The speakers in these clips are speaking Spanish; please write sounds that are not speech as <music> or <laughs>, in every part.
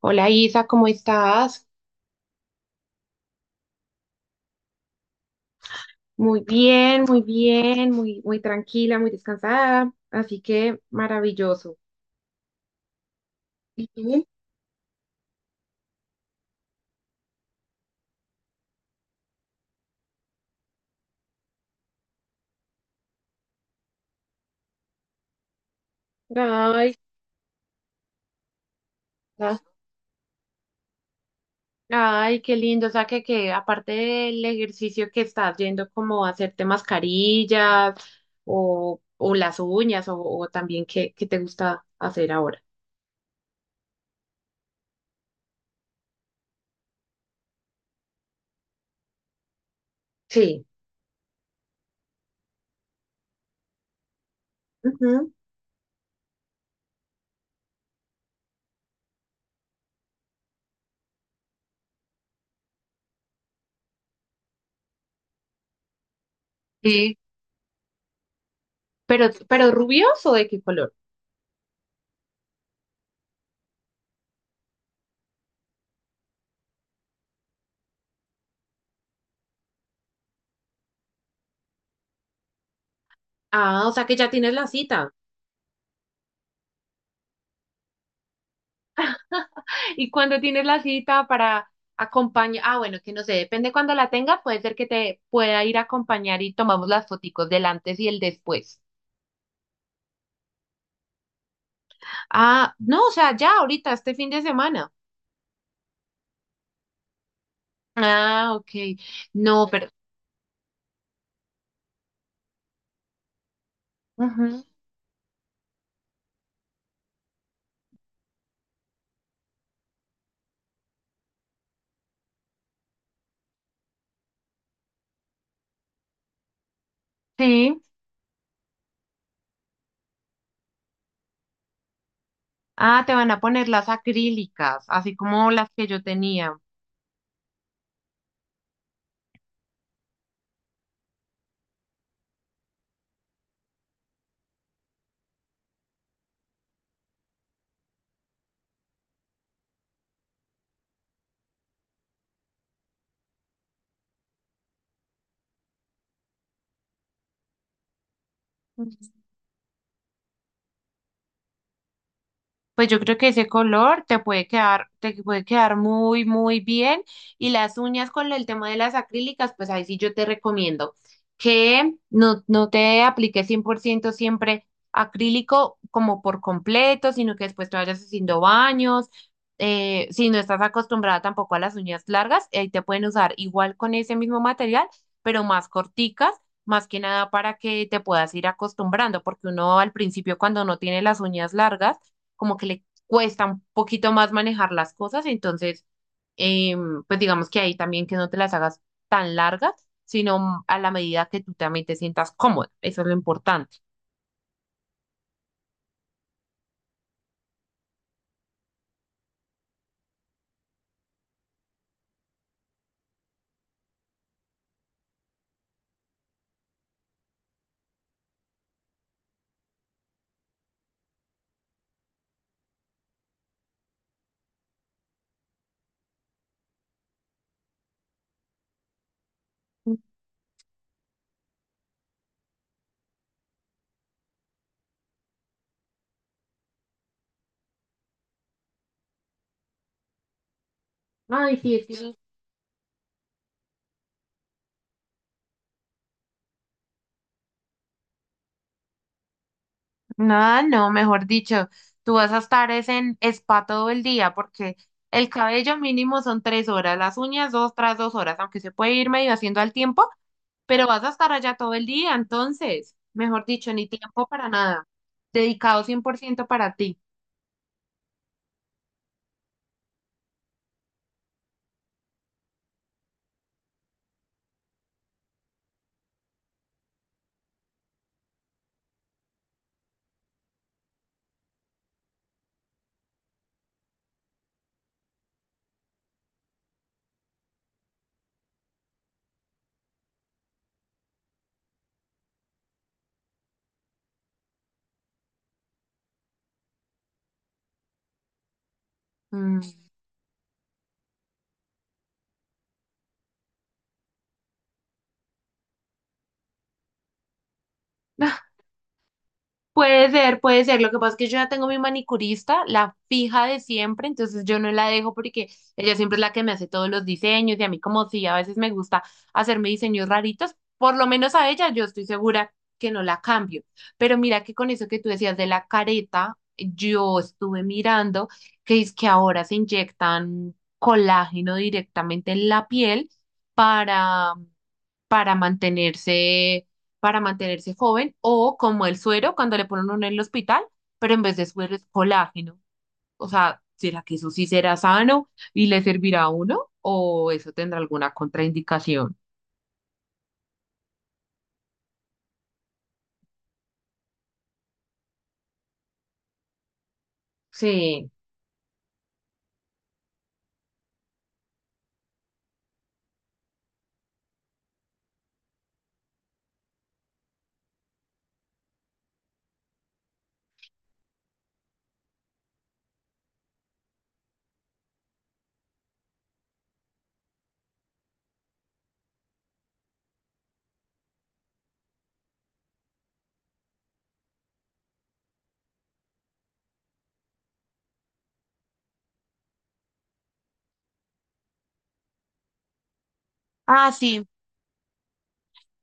Hola Isa, ¿cómo estás? Muy bien, muy bien, muy, muy tranquila, muy descansada, así que maravilloso. ¿Y Ay, ah, ay, qué lindo, o sea que aparte del ejercicio que estás yendo como a hacerte mascarillas o las uñas o también qué te gusta hacer ahora. Sí. Ujú. Sí. ¿Pero rubios o de qué color? Ah, o sea que ya tienes la cita. Y cuando tienes la cita para acompañar, ah, bueno, que no sé, depende cuando la tenga, puede ser que te pueda ir a acompañar y tomamos las foticos del antes y el después. Ah, no, o sea, ya ahorita, este fin de semana. Ah, ok. No, pero. Ujú, sí. Ah, te van a poner las acrílicas, así como las que yo tenía. Pues yo creo que ese color te puede quedar muy, muy bien. Y las uñas con el tema de las acrílicas, pues ahí sí yo te recomiendo que no te apliques 100% siempre acrílico como por completo, sino que después te vayas haciendo baños. Si no estás acostumbrada tampoco a las uñas largas, ahí te pueden usar igual con ese mismo material, pero más corticas. Más que nada para que te puedas ir acostumbrando, porque uno al principio cuando no tiene las uñas largas, como que le cuesta un poquito más manejar las cosas, entonces, eh, pues digamos que ahí también que no te las hagas tan largas, sino a la medida que tú también te sientas cómoda, eso es lo importante. Ay, sí. No, no, mejor dicho, tú vas a estar es en spa todo el día porque el cabello mínimo son 3 horas, las uñas dos tras dos horas, aunque se puede ir medio haciendo al tiempo, pero vas a estar allá todo el día, entonces, mejor dicho, ni tiempo para nada, dedicado 100% para ti. Mm. Ah, puede ser, puede ser. Lo que pasa es que yo ya tengo mi manicurista, la fija de siempre, entonces yo no la dejo porque ella siempre es la que me hace todos los diseños y a mí como si a veces me gusta hacerme diseños raritos, por lo menos a ella yo estoy segura que no la cambio. Pero mira que con eso que tú decías de la careta, yo estuve mirando que es que ahora se inyectan colágeno directamente en la piel para para mantenerse, para mantenerse joven, o como el suero cuando le ponen uno en el hospital, pero en vez de suero es colágeno. O sea, ¿será que eso sí será sano y le servirá a uno? ¿O eso tendrá alguna contraindicación? Sí. Ah, sí,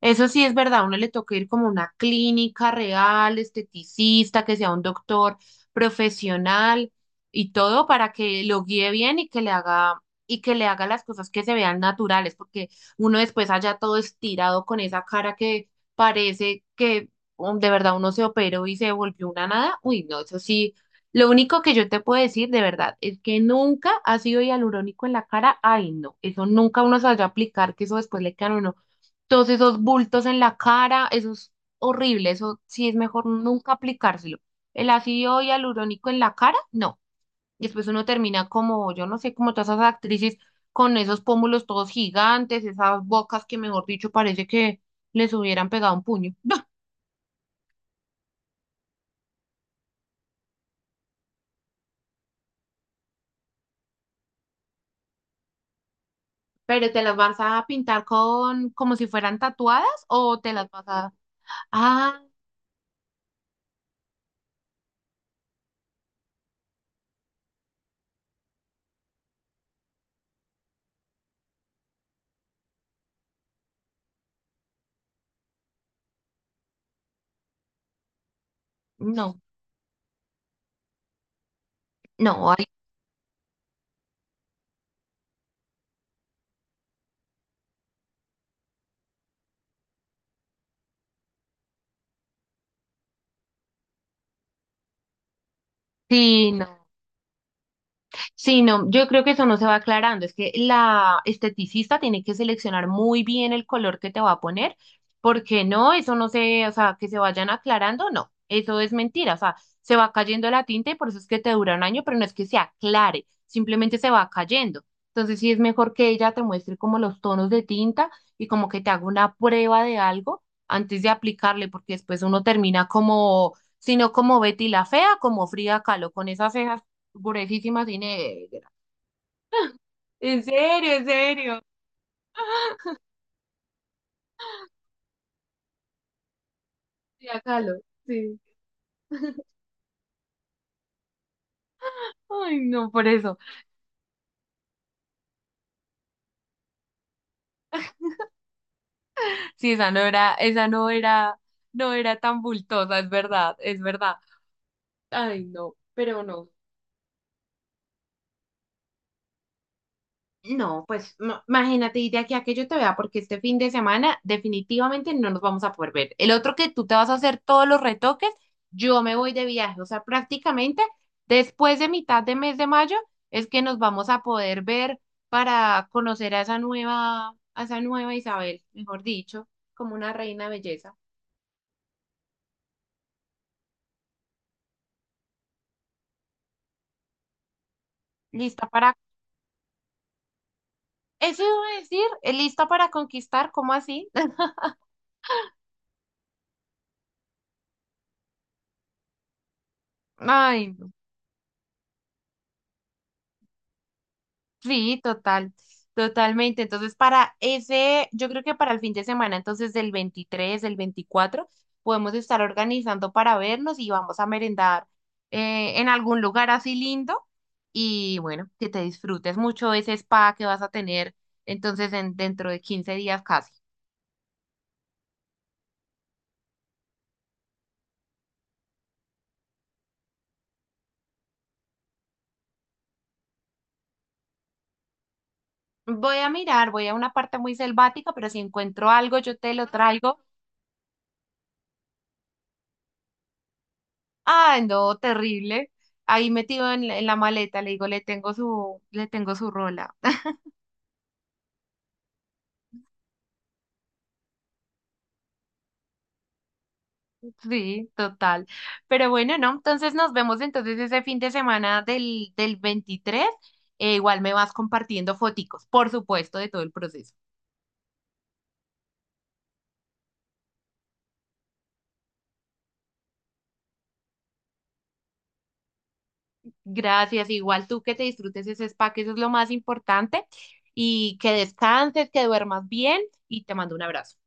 eso sí es verdad, a uno le toca ir como a una clínica real, esteticista, que sea un doctor profesional y todo para que lo guíe bien y que le haga las cosas que se vean naturales, porque uno después allá todo estirado con esa cara que parece que de verdad uno se operó y se volvió una nada. Uy, no, eso sí. Lo único que yo te puedo decir de verdad es que nunca ha sido hialurónico en la cara. Ay, no, eso nunca uno se vaya a aplicar, que eso después le queda a uno todos esos bultos en la cara, eso es horrible, eso sí es mejor nunca aplicárselo. El ácido hialurónico en la cara, no. Y después uno termina como, yo no sé, como todas esas actrices con esos pómulos todos gigantes, esas bocas que, mejor dicho, parece que les hubieran pegado un puño. <laughs> Pero te las vas a pintar con, como si fueran tatuadas o te las vas a. Ah, no, no, ahí sí, no. Sí, no, yo creo que eso no se va aclarando. Es que la esteticista tiene que seleccionar muy bien el color que te va a poner, porque no, eso no se, o sea, que se vayan aclarando, no, eso es mentira. O sea, se va cayendo la tinta y por eso es que te dura un año, pero no es que se aclare, simplemente se va cayendo. Entonces sí es mejor que ella te muestre como los tonos de tinta y como que te haga una prueba de algo antes de aplicarle, porque después uno termina como, sino como Betty la fea, como Frida Kahlo, con esas cejas. Pobrecísima negra, en serio, en serio. Sí. Sí. <laughs> Ay, no, por eso. Sí, esa no era, no era tan bultosa, es verdad, es verdad. Ay, no, pero no. No, pues no, imagínate, y de aquí a que yo te vea, porque este fin de semana definitivamente no nos vamos a poder ver. El otro que tú te vas a hacer todos los retoques, yo me voy de viaje, o sea, prácticamente después de mitad de mes de mayo es que nos vamos a poder ver para conocer a esa nueva Isabel, mejor dicho, como una reina de belleza, lista para, eso iba a decir, lista para conquistar, ¿cómo así? <laughs> Ay, no. Sí, total, totalmente. Entonces, para ese, yo creo que para el fin de semana, entonces del, 23, del 24, podemos estar organizando para vernos y vamos a merendar en algún lugar así lindo. Y bueno, que te disfrutes mucho ese spa que vas a tener entonces dentro de 15 días casi. Voy a mirar, voy a una parte muy selvática, pero si encuentro algo, yo te lo traigo. Ah, no, terrible. Ahí metido en la maleta, le digo, le tengo su rola. Sí, total. Pero bueno, ¿no? Entonces nos vemos entonces ese fin de semana del 23. Igual me vas compartiendo foticos, por supuesto, de todo el proceso. Gracias. Igual tú que te disfrutes ese spa, que eso es lo más importante. Y que descanses, que duermas bien y te mando un abrazo.